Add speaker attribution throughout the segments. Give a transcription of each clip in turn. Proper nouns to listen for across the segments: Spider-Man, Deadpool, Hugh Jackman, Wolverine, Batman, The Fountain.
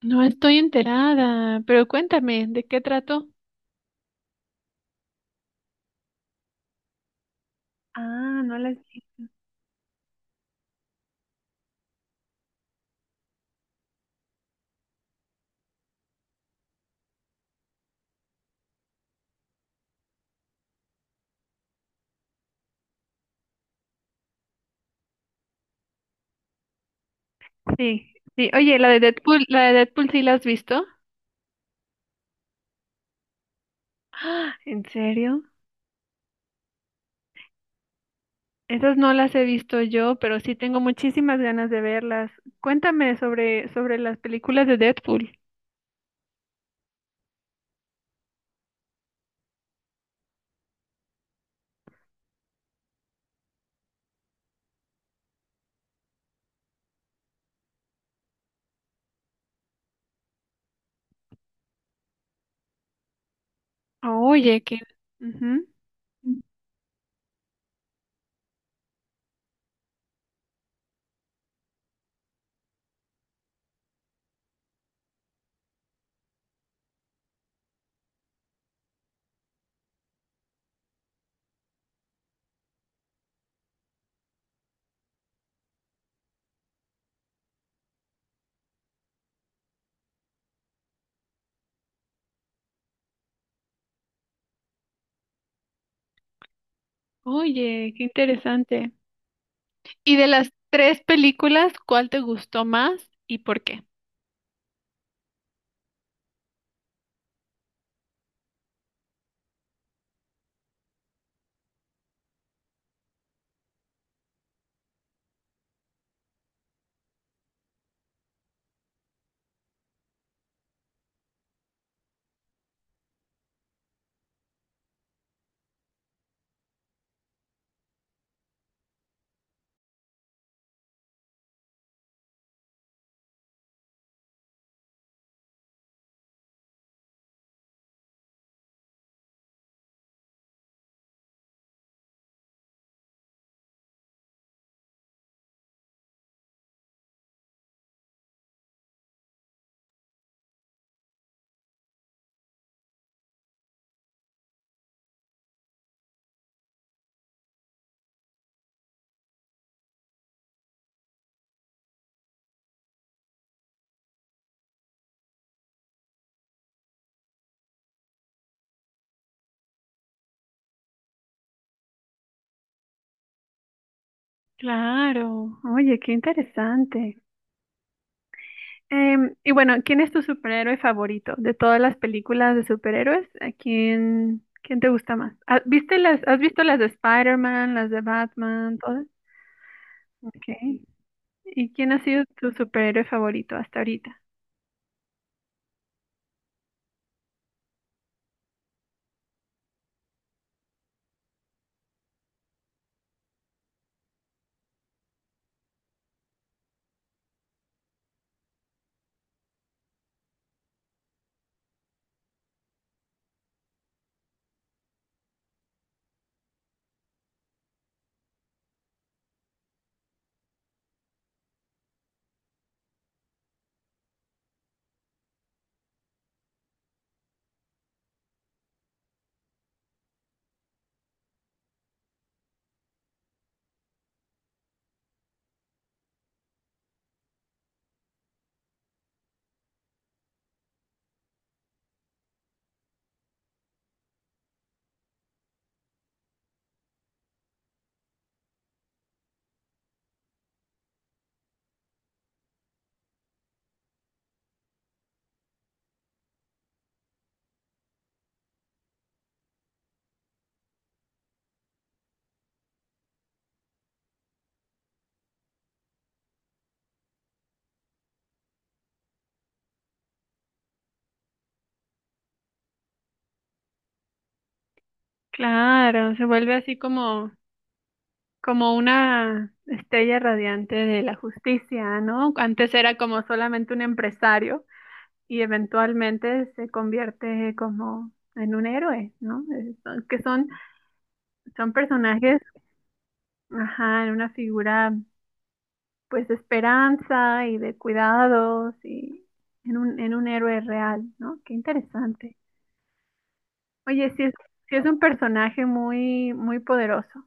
Speaker 1: No estoy enterada, pero cuéntame, ¿de qué trató? Ah, no la sí. Sí, sí. Oye, la de Deadpool sí la has visto. Ah, ¿en serio? Esas no las he visto yo, pero sí tengo muchísimas ganas de verlas. Cuéntame sobre las películas de Deadpool. Oye, qué. Ujú. Oye, qué interesante. ¿Y de las tres películas, cuál te gustó más y por qué? Claro, oye, qué interesante. Y bueno, ¿quién es tu superhéroe favorito de todas las películas de superhéroes? ¿A quién, quién te gusta más? Viste las, has visto las de Spider-Man, las de Batman, todas? Okay. ¿Y quién ha sido tu superhéroe favorito hasta ahorita? Claro, se vuelve así como, como una estrella radiante de la justicia, ¿no? Antes era como solamente un empresario y eventualmente se convierte como en un héroe, ¿no? Que son, son personajes. Ajá, en una figura pues de esperanza y de cuidados y en un héroe real, ¿no? Qué interesante. Oye, sí es un personaje muy, muy poderoso.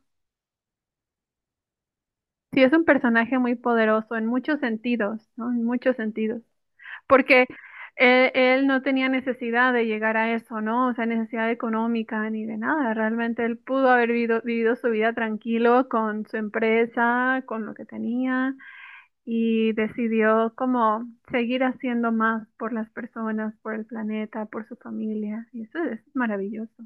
Speaker 1: Sí es un personaje muy poderoso en muchos sentidos, ¿no? En muchos sentidos. Porque él no tenía necesidad de llegar a eso, ¿no? O sea, necesidad económica ni de nada. Realmente él pudo haber vivido su vida tranquilo con su empresa, con lo que tenía y decidió como seguir haciendo más por las personas, por el planeta, por su familia. Y eso es maravilloso.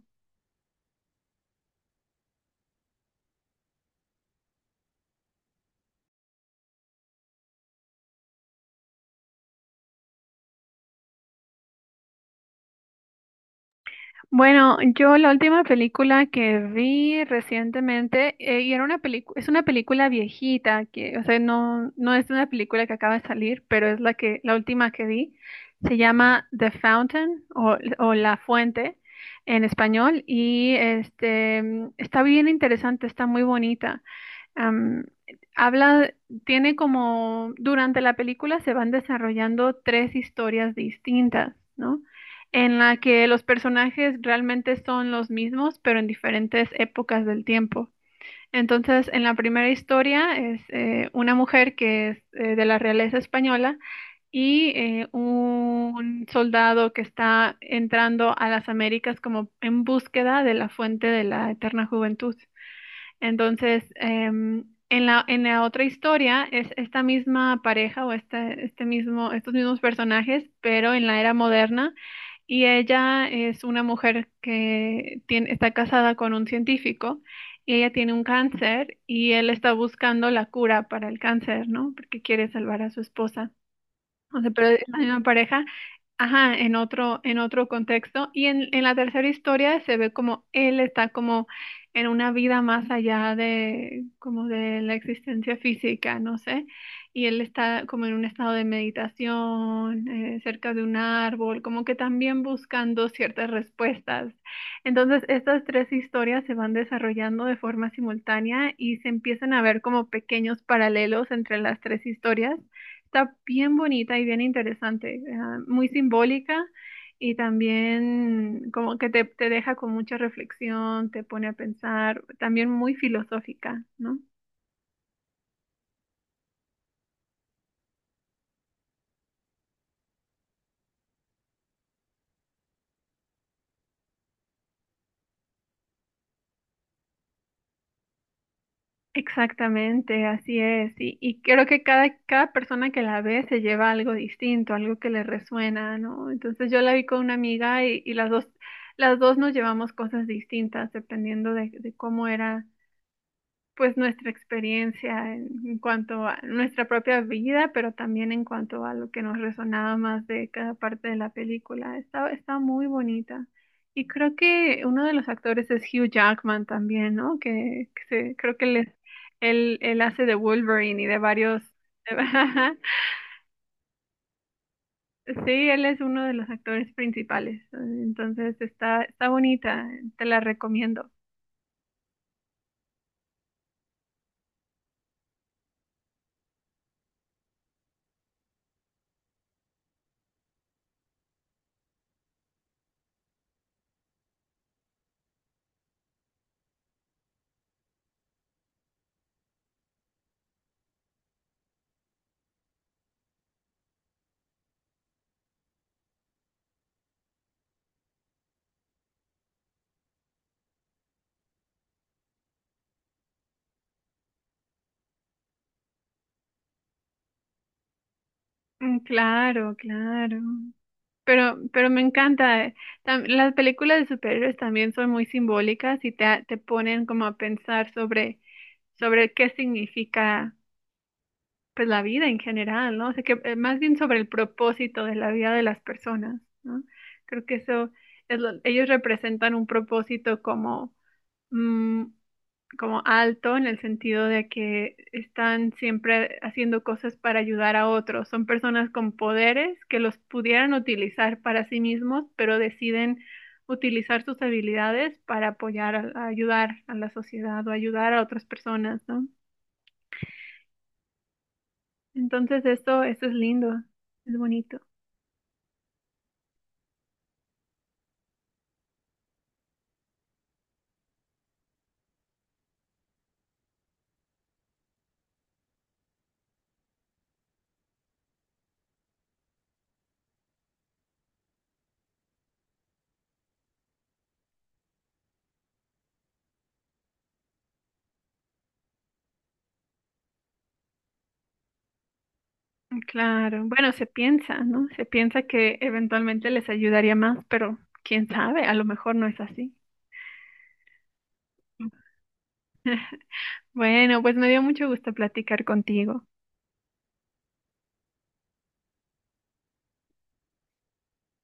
Speaker 1: Bueno, yo la última película que vi recientemente, era una película, es una película viejita, que, o sea, no, no es una película que acaba de salir, pero es la que, la última que vi. Se llama The Fountain o La Fuente en español. Y este está bien interesante, está muy bonita. Am, habla, tiene como, durante la película se van desarrollando tres historias distintas, ¿no? En la que los personajes realmente son los mismos, pero en diferentes épocas del tiempo. Entonces, en la primera historia es una mujer que es de la realeza española y un soldado que está entrando a las Américas como en búsqueda de la fuente de la eterna juventud. Entonces, en la otra historia es esta misma pareja o estos mismos personajes, pero en la era moderna. Y ella es una mujer que tiene, está casada con un científico y ella tiene un cáncer y él está buscando la cura para el cáncer, ¿no? Porque quiere salvar a su esposa. O sea, pero es la misma pareja, ajá, en otro contexto. Y en la tercera historia se ve como él está como en una vida más allá de, como de la existencia física, no sé. Y él está como en un estado de meditación, cerca de un árbol, como que también buscando ciertas respuestas. Entonces, estas tres historias se van desarrollando de forma simultánea y se empiezan a ver como pequeños paralelos entre las tres historias. Está bien bonita y bien interesante, ah, muy simbólica y también como que te deja con mucha reflexión, te pone a pensar, también muy filosófica, ¿no? Exactamente, así es. Y creo que cada, cada persona que la ve se lleva algo distinto, algo que le resuena, ¿no? Entonces yo la vi con una amiga y las dos nos llevamos cosas distintas dependiendo de cómo era pues nuestra experiencia en cuanto a nuestra propia vida, pero también en cuanto a lo que nos resonaba más de cada parte de la película. Está, está muy bonita. Y creo que uno de los actores es Hugh Jackman también, ¿no? Que, creo que él, él hace de Wolverine y de varios... Sí, él es uno de los actores principales. Entonces está, está bonita, te la recomiendo. Mm, claro, claro. Pero me encanta. Las películas de superhéroes también son muy simbólicas y te ponen como a pensar sobre, sobre qué significa pues la vida en general, ¿no? O sea, que más bien sobre el propósito de la vida de las personas, ¿no? Creo que eso ellos representan un propósito como mm, como alto en el sentido de que están siempre haciendo cosas para ayudar a otros. Son personas con poderes que los pudieran utilizar para sí mismos, pero deciden utilizar sus habilidades para apoyar, a ayudar a la sociedad o ayudar a otras personas, ¿no? Entonces esto es lindo, es bonito. Claro, bueno, se piensa, ¿no? Se piensa que eventualmente les ayudaría más, pero quién sabe, a lo mejor no es así. Bueno, pues me dio mucho gusto platicar contigo.